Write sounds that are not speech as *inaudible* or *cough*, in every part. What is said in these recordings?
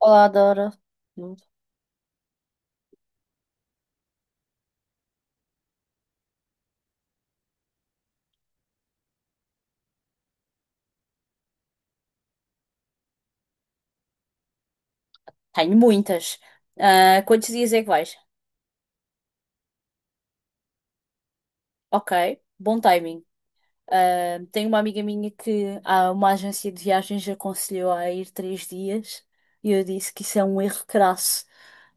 Olá, Dora. Hum. Tenho muitas. Quantos dias é que vais? Ok, bom timing. Tenho uma amiga minha uma agência de viagens aconselhou a ir 3 dias e eu disse que isso é um erro crasso.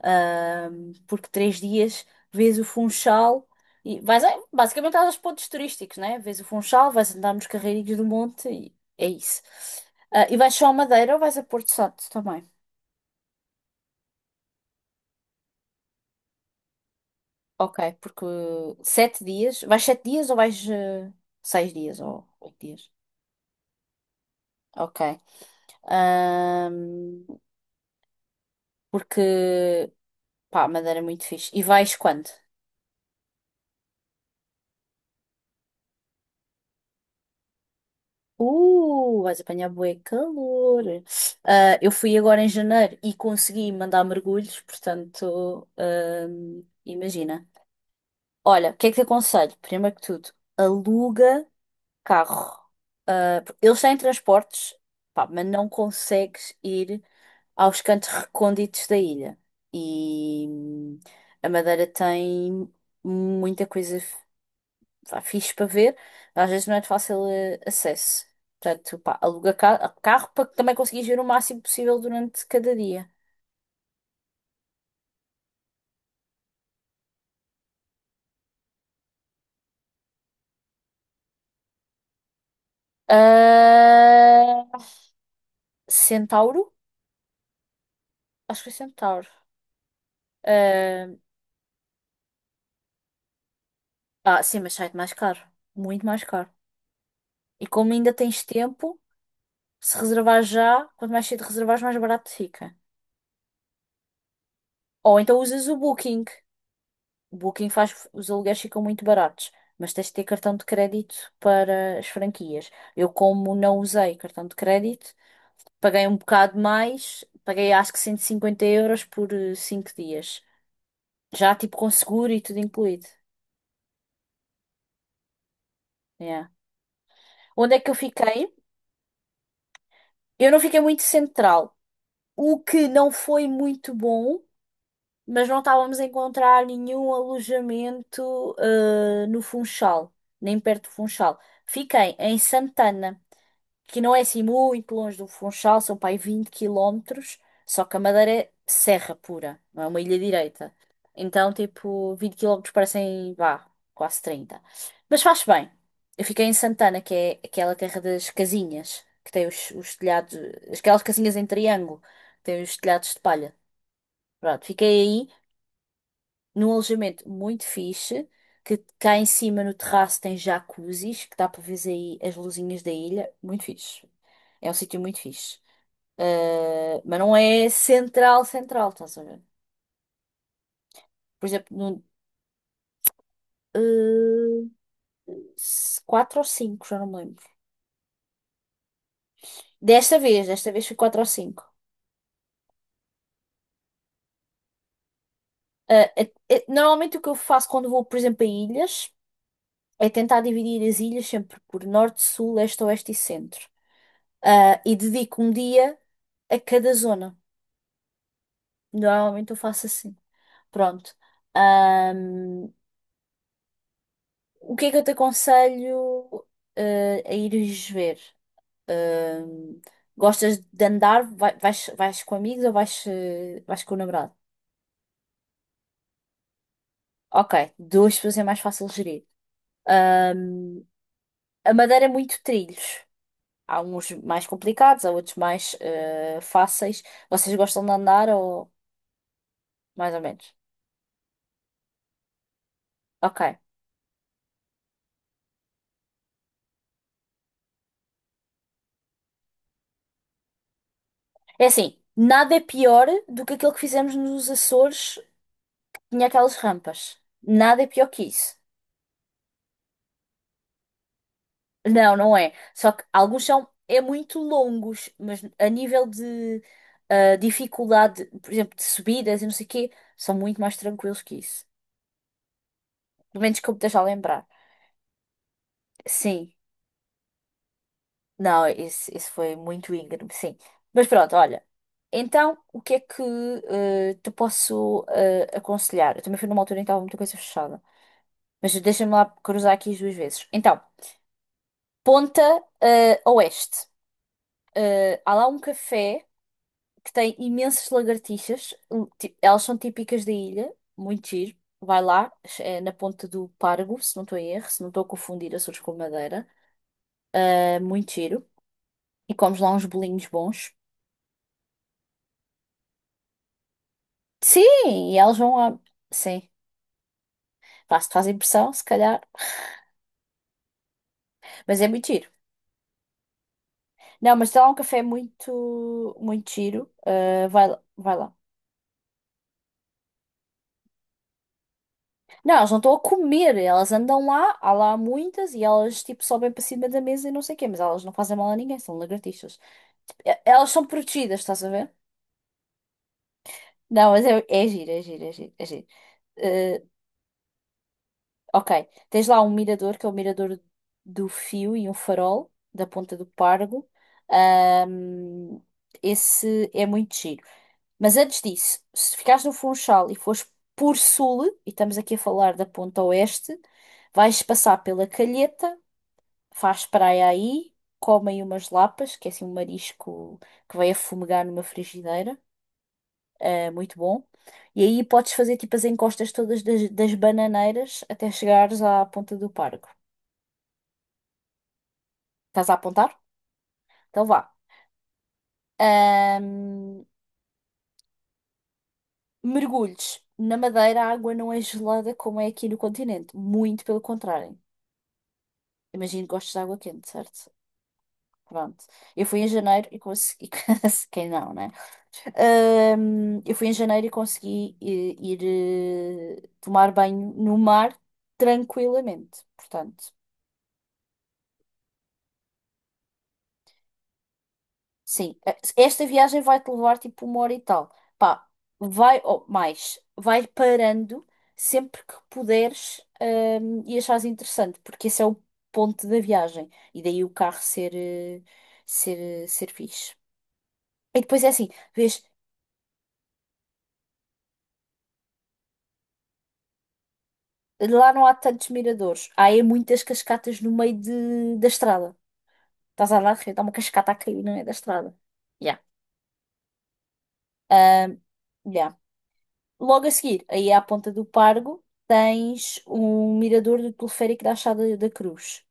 Ah, Porque 3 dias vês o Funchal e basicamente aos pontos turísticos, né? Vês o Funchal, vais andar nos carreirinhos do monte e é isso. E vais só a Madeira ou vais a Porto Santo também? Ok, porque 7 dias. Vais 7 dias ou vais 6 dias ou 8 dias? Ok. Ahm, Porque, pá, Madeira é muito fixe. E vais quando? Vais apanhar bué calor. Eu fui agora em janeiro e consegui mandar mergulhos, portanto, imagina. Olha, o que é que te aconselho? Primeiro que tudo, aluga carro. Eles têm transportes, pá, mas não consegues ir aos cantos recônditos da ilha. E a Madeira tem muita vá, fixe para ver, mas às vezes não é de fácil acesso. Portanto, pá, aluga carro para que também conseguires ver o máximo possível durante cada dia. Ah, Centauro? Acho que é Centauro. Sim, mas sai mais caro. Muito mais caro. E como ainda tens tempo, se reservar já, quanto mais cedo reservares, mais barato fica. Ou então usas o Booking. O Booking faz, os aluguéis ficam muito baratos, mas tens de ter cartão de crédito para as franquias. Eu, como não usei cartão de crédito, paguei um bocado mais, paguei acho que 150 euros por 5 dias. Já tipo com seguro e tudo incluído. Yeah. Onde é que eu fiquei? Eu não fiquei muito central, o que não foi muito bom, mas não estávamos a encontrar nenhum alojamento, no Funchal, nem perto do Funchal. Fiquei em Santana, que não é assim muito longe do Funchal. São para aí 20 quilómetros, só que a Madeira é serra pura, não é uma ilha direita. Então, tipo, 20 quilómetros parecem, vá, quase 30. Mas faz bem. Eu fiquei em Santana, que é aquela terra das casinhas, que tem os telhados, aquelas casinhas em triângulo, que tem os telhados de palha. Pronto, fiquei num alojamento muito fixe, que cá em cima no terraço tem jacuzzis, que dá para ver aí as luzinhas da ilha. Muito fixe. É um sítio muito fixe. Mas não é central, central, estás a ver? Por exemplo, no, uh, s- quatro ou cinco, já não me lembro. Desta vez foi quatro ou cinco. Normalmente o que eu faço quando vou, por exemplo, a ilhas, é tentar dividir as ilhas sempre por norte, sul, leste, oeste e centro. E dedico um dia a cada zona. Normalmente eu faço assim. Pronto. Ahm, o que é que eu te aconselho, a ires ver? Ahm, Gostas de andar? Vais com amigos ou vais com o namorado? Ok, duas pessoas é mais fácil gerir. Ahm, a Madeira é muito trilhos. Há uns mais complicados, há outros mais fáceis. Vocês gostam de andar ou mais ou menos? Ok. É assim, nada é pior do que aquilo que fizemos nos Açores, tinha aquelas rampas. Nada é pior que isso. Não, não é. Só que alguns são é muito longos, mas a nível de dificuldade, por exemplo, de subidas e não sei o quê, são muito mais tranquilos que isso. Pelo menos que eu me esteja a lembrar. Sim. Não, esse foi muito íngreme, sim. Mas pronto, olha. Então, o que é que te posso aconselhar? Eu também fui numa altura em que estava muita coisa fechada. Mas deixa-me lá cruzar aqui as duas vezes. Então, Ponta Oeste. Há lá um café que tem imensas lagartixas. Elas são típicas da ilha, muito giro. Vai lá, é na ponta do Pargo, se não estou em erro, se não estou a confundir Açores com Madeira. Muito giro. E comes lá uns bolinhos bons. Sim, e elas vão lá. Sim, pá, se te faz impressão, se calhar. *laughs* Mas é muito giro. Não, mas tem lá um café muito, muito giro. Vai lá. Não, elas não estão a comer, elas andam lá, há lá muitas e elas tipo sobem para cima da mesa e não sei o quê, mas elas não fazem mal a ninguém, são lagartixas. Elas são protegidas, estás a ver? Não, mas é giro, é giro, é giro, é giro. Eh, ok, tens lá um mirador, que é o mirador do fio e um farol da Ponta do Pargo. Ahm, Esse é muito giro. Mas antes disso, se ficares no Funchal e fores por sul, e estamos aqui a falar da ponta oeste, vais passar pela Calheta, faz praia aí, comem umas lapas, que é assim um marisco que vai a fumegar numa frigideira, é muito bom. E aí podes fazer tipo as encostas todas das bananeiras até chegares à ponta do parque. Estás a apontar? Então vá. Ahm, Mergulhos. Na Madeira a água não é gelada como é aqui no continente, muito pelo contrário. Imagino que gostes de água quente, certo? Pronto. Eu fui em janeiro e consegui. *laughs* Quem não, né? Eu fui em janeiro e consegui ir, tomar banho no mar tranquilamente. Portanto, sim. Esta viagem vai te levar tipo uma hora e tal. Pá, vai, ou mais, vai parando sempre que puderes, e achares interessante, porque esse é o ponto da viagem. E daí o carro ser, ser fixe. E depois é assim, vês. Lá não há tantos miradores. Há é muitas cascatas no meio da estrada. Estás a andar de repente, há uma cascata a cair no meio da estrada. Yeah. Ahm, yeah. Logo a seguir, aí à ponta do Pargo, tens um mirador do teleférico da Achada da Cruz.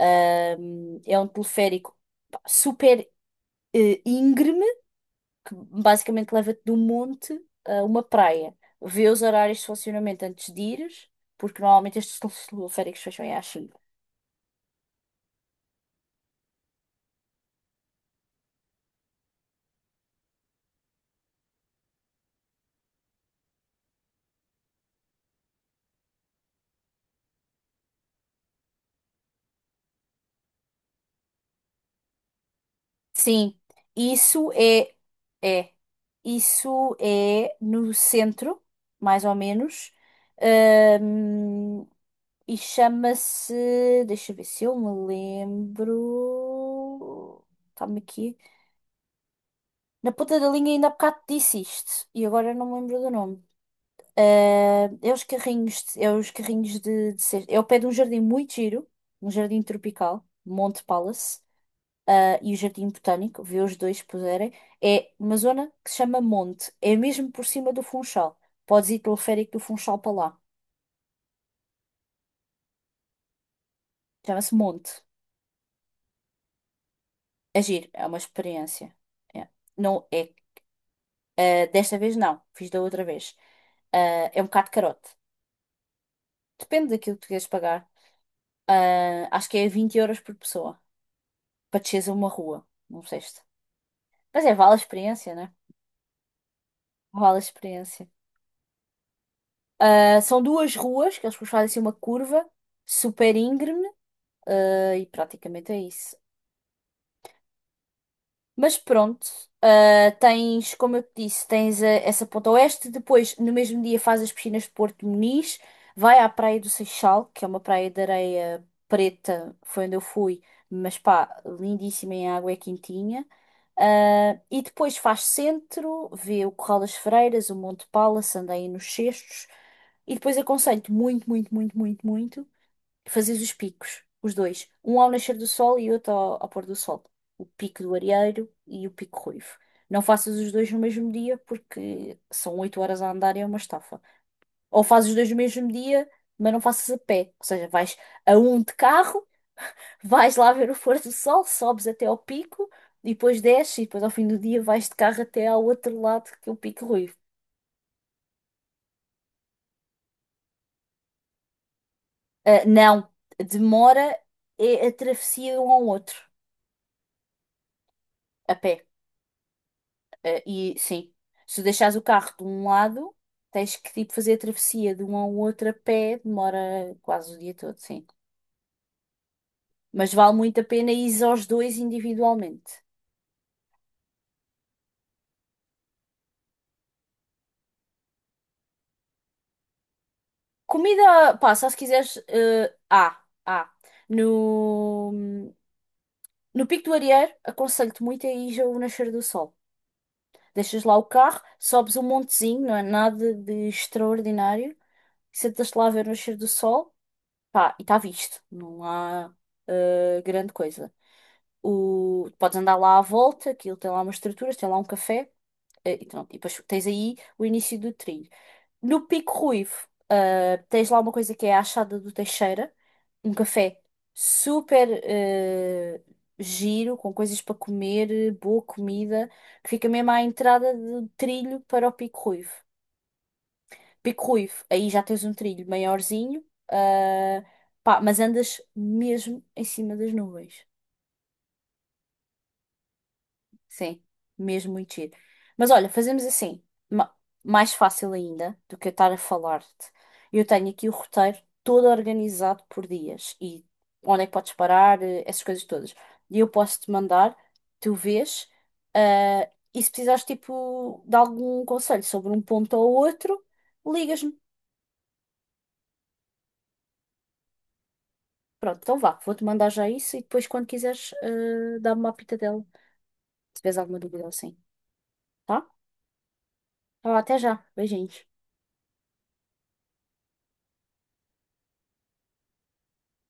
É um teleférico pá, super íngreme, que basicamente leva-te de um monte a uma praia. Vê os horários de funcionamento antes de ires, porque normalmente estes teleféricos fecham aí às 5. Sim, isso é, é, isso é no centro, mais ou menos. Ahm, e chama-se, deixa eu ver se eu me lembro, está-me aqui, na ponta da linha ainda há bocado disse isto, e agora eu não me lembro do nome. É os carrinhos de cesta, é ao pé de um jardim muito giro, um jardim tropical, Monte Palace, e o Jardim Botânico, vê os dois se puderem, é uma zona que se chama Monte. É mesmo por cima do Funchal. Podes ir pelo férico do Funchal para lá. Chama-se Monte. Agir é uma experiência. É. Não é. Desta vez não, fiz da outra vez. É um bocado carote. Depende daquilo que tu queres pagar. Acho que é 20 euros por pessoa para desceres a uma rua, não sei se. Mas é, vale a experiência, né? Vale a experiência. São duas ruas que eles fazem assim uma curva super íngreme. E praticamente é isso. Mas pronto, tens, como eu te disse, tens essa ponta oeste. Depois, no mesmo dia, faz as piscinas de Porto Muniz, vai à Praia do Seixal, que é uma praia de areia preta, foi onde eu fui, mas pá, lindíssima em água, é quentinha. E depois faz centro, vê o Corral das Freiras, o Monte Pala, se anda aí nos Cestos. E depois aconselho-te muito, muito, muito, muito, muito. Fazes os picos, os dois. Um ao nascer do sol e outro ao pôr do sol. O pico do areeiro e o pico ruivo. Não faças os dois no mesmo dia porque são 8 horas a andar e é uma estafa. Ou fazes os dois no mesmo dia, mas não faças a pé. Ou seja, vais a um de carro, *laughs* vais lá ver o pôr do sol, sobes até ao pico e depois desces e depois ao fim do dia vais de carro até ao outro lado que é o pico ruivo. Não, demora é a travessia de um ao outro, a pé. Eh, e sim, se tu deixares o carro de um lado, tens que tipo fazer a travessia de um ao outro a pé, demora quase o dia todo, sim. Mas vale muito a pena ir aos dois individualmente. Comida, pá, só se quiseres. Ah. No, no Pico do Arieiro, aconselho-te muito a ir ao nascer do sol. Deixas lá o carro, sobes um montezinho, não é nada de extraordinário. Sentas-te lá a ver o nascer do sol. Pá, e está visto. Não há grande coisa. O, podes andar lá à volta, aquilo tem lá umas estruturas, tem lá um café, e pronto. E depois tens aí o início do trilho. No Pico Ruivo, tens lá uma coisa que é a Achada do Teixeira, um café super giro, com coisas para comer, boa comida, que fica mesmo à entrada do trilho para o Pico Ruivo. Pico Ruivo, aí já tens um trilho maiorzinho, ah, pá, mas andas mesmo em cima das nuvens. Sim, mesmo muito giro. Mas olha, fazemos assim, ma- mais fácil ainda do que eu estar a falar-te. Eu tenho aqui o roteiro todo organizado por dias e onde é que podes parar, essas coisas todas. E eu posso-te mandar, tu vês, e se precisares tipo de algum conselho sobre um ponto ou outro, ligas-me. Pronto, então vá, vou-te mandar já isso e depois, quando quiseres, dá-me uma pitadela, se tiveres alguma dúvida ou assim, tá? Então, até já, beijinhos.